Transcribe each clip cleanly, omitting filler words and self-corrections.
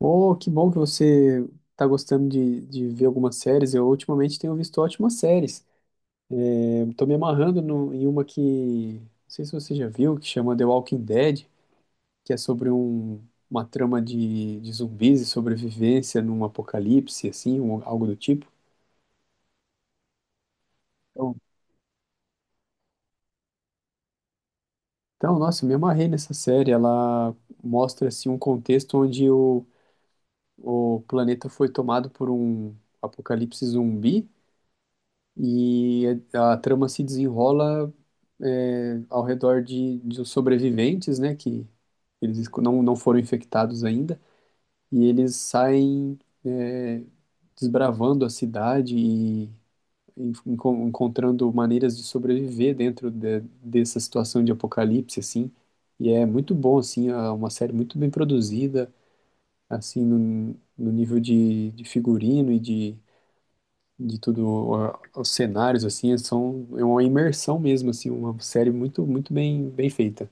Oh, que bom que você está gostando de ver algumas séries. Eu ultimamente tenho visto ótimas séries. Estou me amarrando em uma que, não sei se você já viu, que chama The Walking Dead, que é sobre uma trama de zumbis e sobrevivência num apocalipse, assim, algo do tipo. Então, então, nossa, eu me amarrei nessa série. Ela mostra, assim, um contexto onde o planeta foi tomado por um apocalipse zumbi. E a trama se desenrola ao redor de os sobreviventes, né, que eles não foram infectados ainda, e eles saem é, desbravando a cidade e encontrando maneiras de sobreviver dentro dessa situação de apocalipse, assim. E é muito bom, assim, é uma série muito bem produzida, assim, no nível de figurino e de tudo, os cenários, assim, são é uma imersão mesmo, assim, uma série muito, muito bem, bem feita.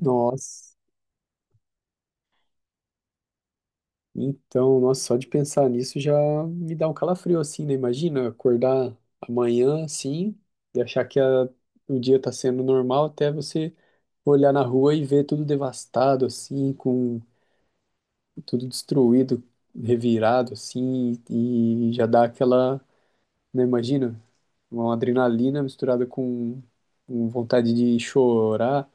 Nossa, então, nossa, só de pensar nisso já me dá um calafrio, assim, né? Imagina acordar amanhã, assim, e achar que o dia tá sendo normal até você olhar na rua e ver tudo devastado, assim, com tudo destruído, revirado, assim, e já dá aquela, né? Imagina. Uma adrenalina misturada com vontade de chorar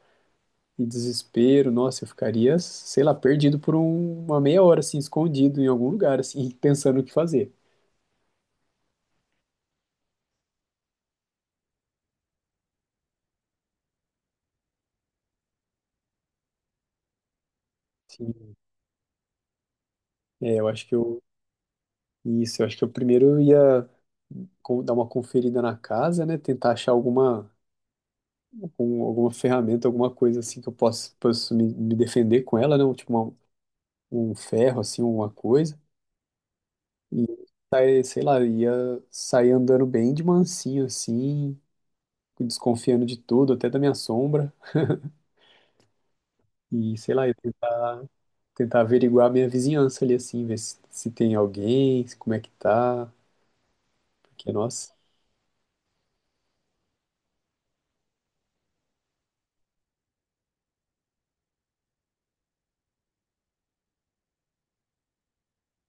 e desespero. Nossa, eu ficaria, sei lá, perdido por uma meia hora, assim, escondido em algum lugar, assim, pensando o que fazer. Sim. É, eu acho que eu. Isso, eu acho que eu primeiro ia dar uma conferida na casa, né? Tentar achar alguma ferramenta, alguma coisa assim que eu possa me defender com ela, né? Tipo um ferro, assim, uma coisa. E, sei lá, eu ia sair andando bem de mansinho, assim, desconfiando de tudo, até da minha sombra, e sei lá, eu tentar averiguar a minha vizinhança ali, assim, ver se tem alguém, como é que tá, porque, nossa,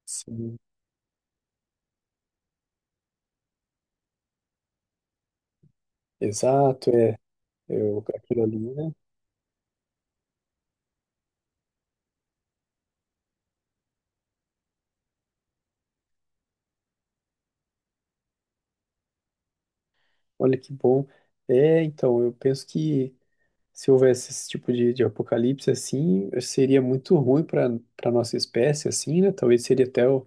sim, exato, é, aquilo ali, né? Olha que bom. É, então, eu penso que se houvesse esse tipo de apocalipse, assim, seria muito ruim para nossa espécie, assim, né? Talvez seria até o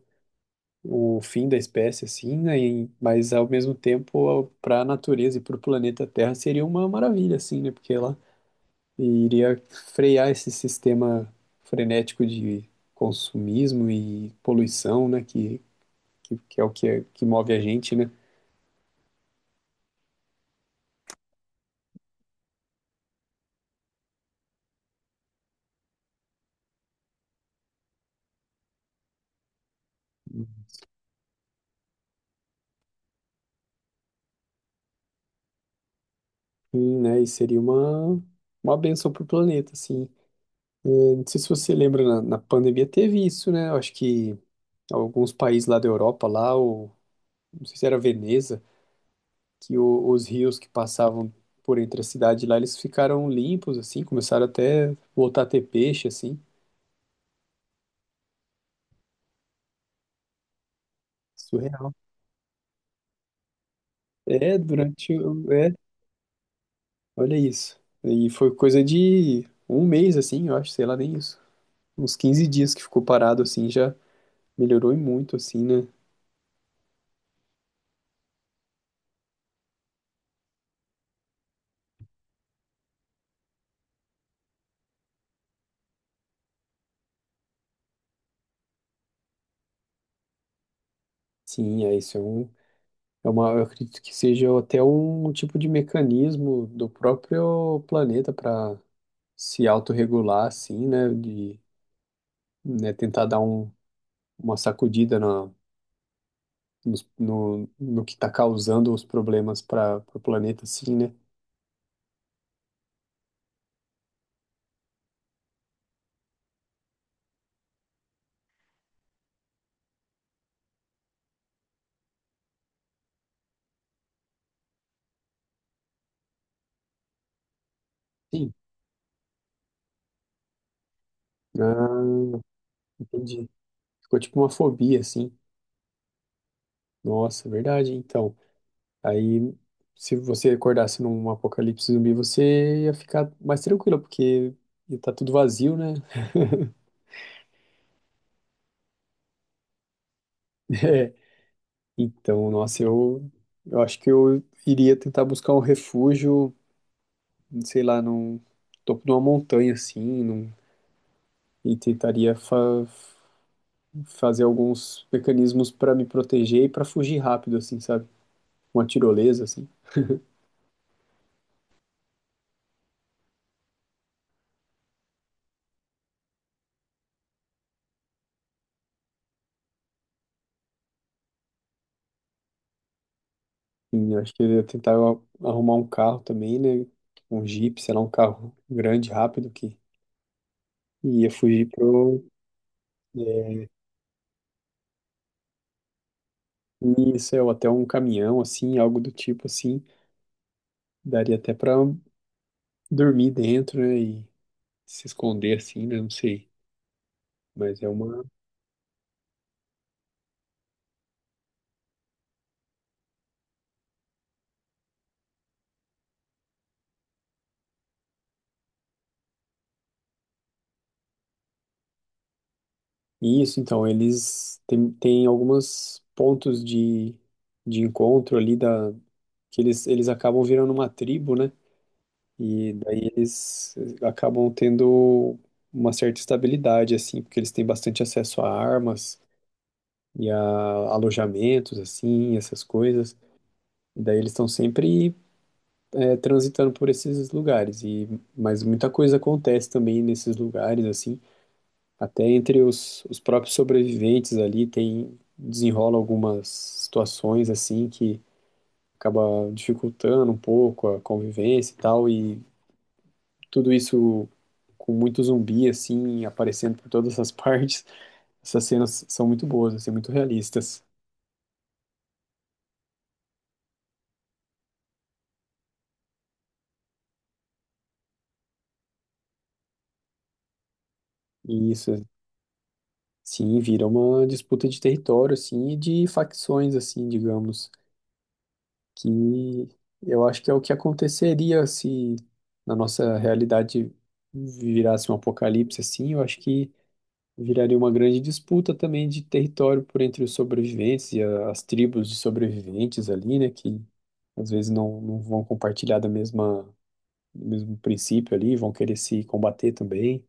o fim da espécie, assim, né? Mas ao mesmo tempo, para a natureza e para o planeta Terra seria uma maravilha, assim, né? Porque ela iria frear esse sistema frenético de consumismo e poluição, né? Que é o que, que move a gente, né? E, né? E seria uma benção para o planeta, assim. Eu não sei se você lembra, na pandemia teve isso, né? Eu acho que alguns países lá da Europa, lá, não sei se era Veneza que os rios que passavam por entre a cidade lá, eles ficaram limpos, assim, começaram até voltar a ter peixe, assim. Surreal. É, olha isso. E foi coisa de um mês, assim, eu acho, sei lá, nem isso. Uns 15 dias que ficou parado, assim, já melhorou e muito, assim, né? Sim, é isso, é uma, eu acredito que seja até um tipo de mecanismo do próprio planeta para se autorregular, assim, né? De, né, tentar dar uma sacudida na, nos- no, no, que está causando os problemas para o planeta, assim, né? Sim. Ah, entendi. Ficou tipo uma fobia, assim. Nossa, verdade. Então, aí, se você acordasse num apocalipse zumbi, você ia ficar mais tranquilo, porque ia tá tudo vazio, né? É. Então, nossa, eu acho que eu iria tentar buscar um refúgio, sei lá, num topo de uma montanha, assim, e tentaria fazer alguns mecanismos pra me proteger e pra fugir rápido, assim, sabe? Uma tirolesa, assim. E eu acho que eu ia tentar arrumar um carro também, né? Um Jeep, sei lá, um carro grande, rápido, que ia fugir pro. É, isso, é, ou até um caminhão, assim, algo do tipo, assim. Daria até pra dormir dentro, né? E se esconder, assim, né? Não sei. Mas é uma. Isso, então, eles têm alguns pontos de encontro ali, que eles acabam virando uma tribo, né? E daí eles acabam tendo uma certa estabilidade, assim, porque eles têm bastante acesso a armas e a alojamentos, assim, essas coisas. E daí eles estão sempre transitando por esses lugares. E, mas muita coisa acontece também nesses lugares, assim. Até entre os próprios sobreviventes ali tem desenrola algumas situações assim que acaba dificultando um pouco a convivência e tal, e tudo isso com muito zumbi, assim, aparecendo por todas as partes. Essas cenas são muito boas, assim, muito realistas. E isso, sim, vira uma disputa de território, assim, e de facções, assim, digamos, que eu acho que é o que aconteceria se na nossa realidade virasse um apocalipse, assim, eu acho que viraria uma grande disputa também de território por entre os sobreviventes e as tribos de sobreviventes ali, né, que às vezes não vão compartilhar do mesmo princípio ali, vão querer se combater também.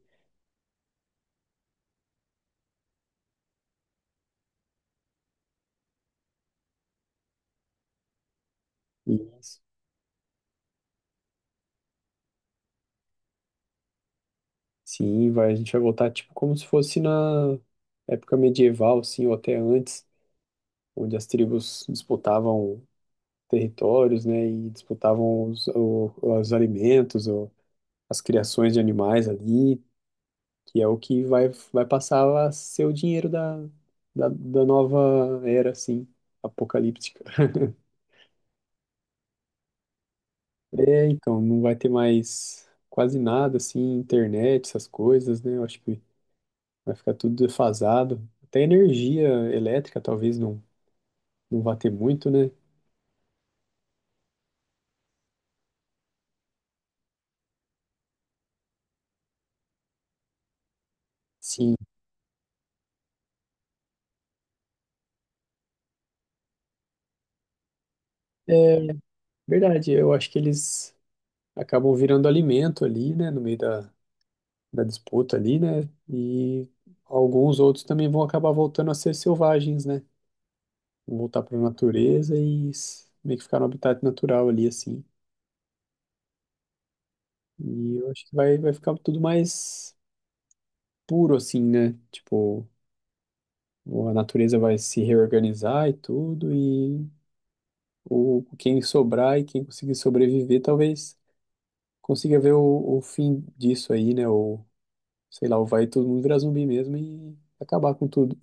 E, sim, vai, a gente vai voltar tipo como se fosse na época medieval, assim, ou até antes, onde as tribos disputavam territórios, né, e disputavam os alimentos, ou as criações de animais ali. Que é o que vai passar a ser o dinheiro da nova era, assim, apocalíptica. É, então, não vai ter mais quase nada, assim, internet, essas coisas, né? Eu acho que vai ficar tudo defasado. Até energia elétrica talvez não, não vá ter muito, né? Sim, é verdade. Eu acho que eles acabam virando alimento ali, né? No meio da disputa ali, né? E alguns outros também vão acabar voltando a ser selvagens, né? Voltar para a natureza e meio que ficar no habitat natural ali, assim. E eu acho que vai ficar tudo mais puro, assim, né? Tipo, a natureza vai se reorganizar e tudo, e quem sobrar e quem conseguir sobreviver, talvez consiga ver o fim disso aí, né? Ou, sei lá, ou vai todo mundo virar zumbi mesmo e acabar com tudo.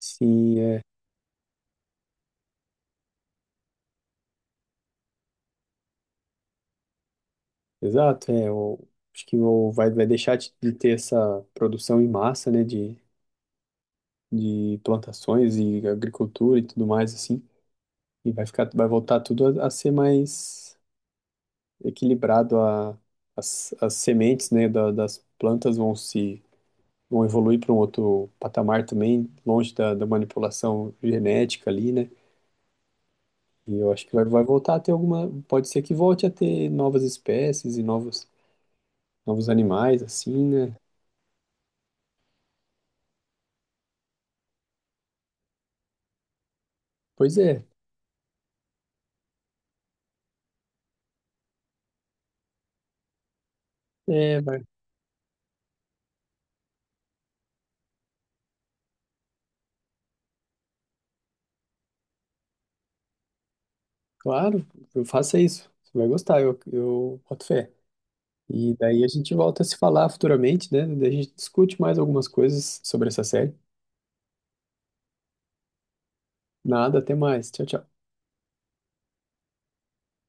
Sim, é. Exato, é. Acho que vai deixar de ter essa produção em massa, né? De plantações e agricultura e tudo mais assim, e vai voltar tudo a ser mais equilibrado, as sementes, né, das plantas vão se vão evoluir para um outro patamar também, longe da manipulação genética ali, né? E eu acho que vai voltar a ter pode ser que volte a ter novas espécies e novos animais assim, né? Pois é, claro, eu faça isso. Você vai gostar, eu boto fé. E daí a gente volta a se falar futuramente, né? Daí a gente discute mais algumas coisas sobre essa série. Nada, até mais. Tchau, tchau.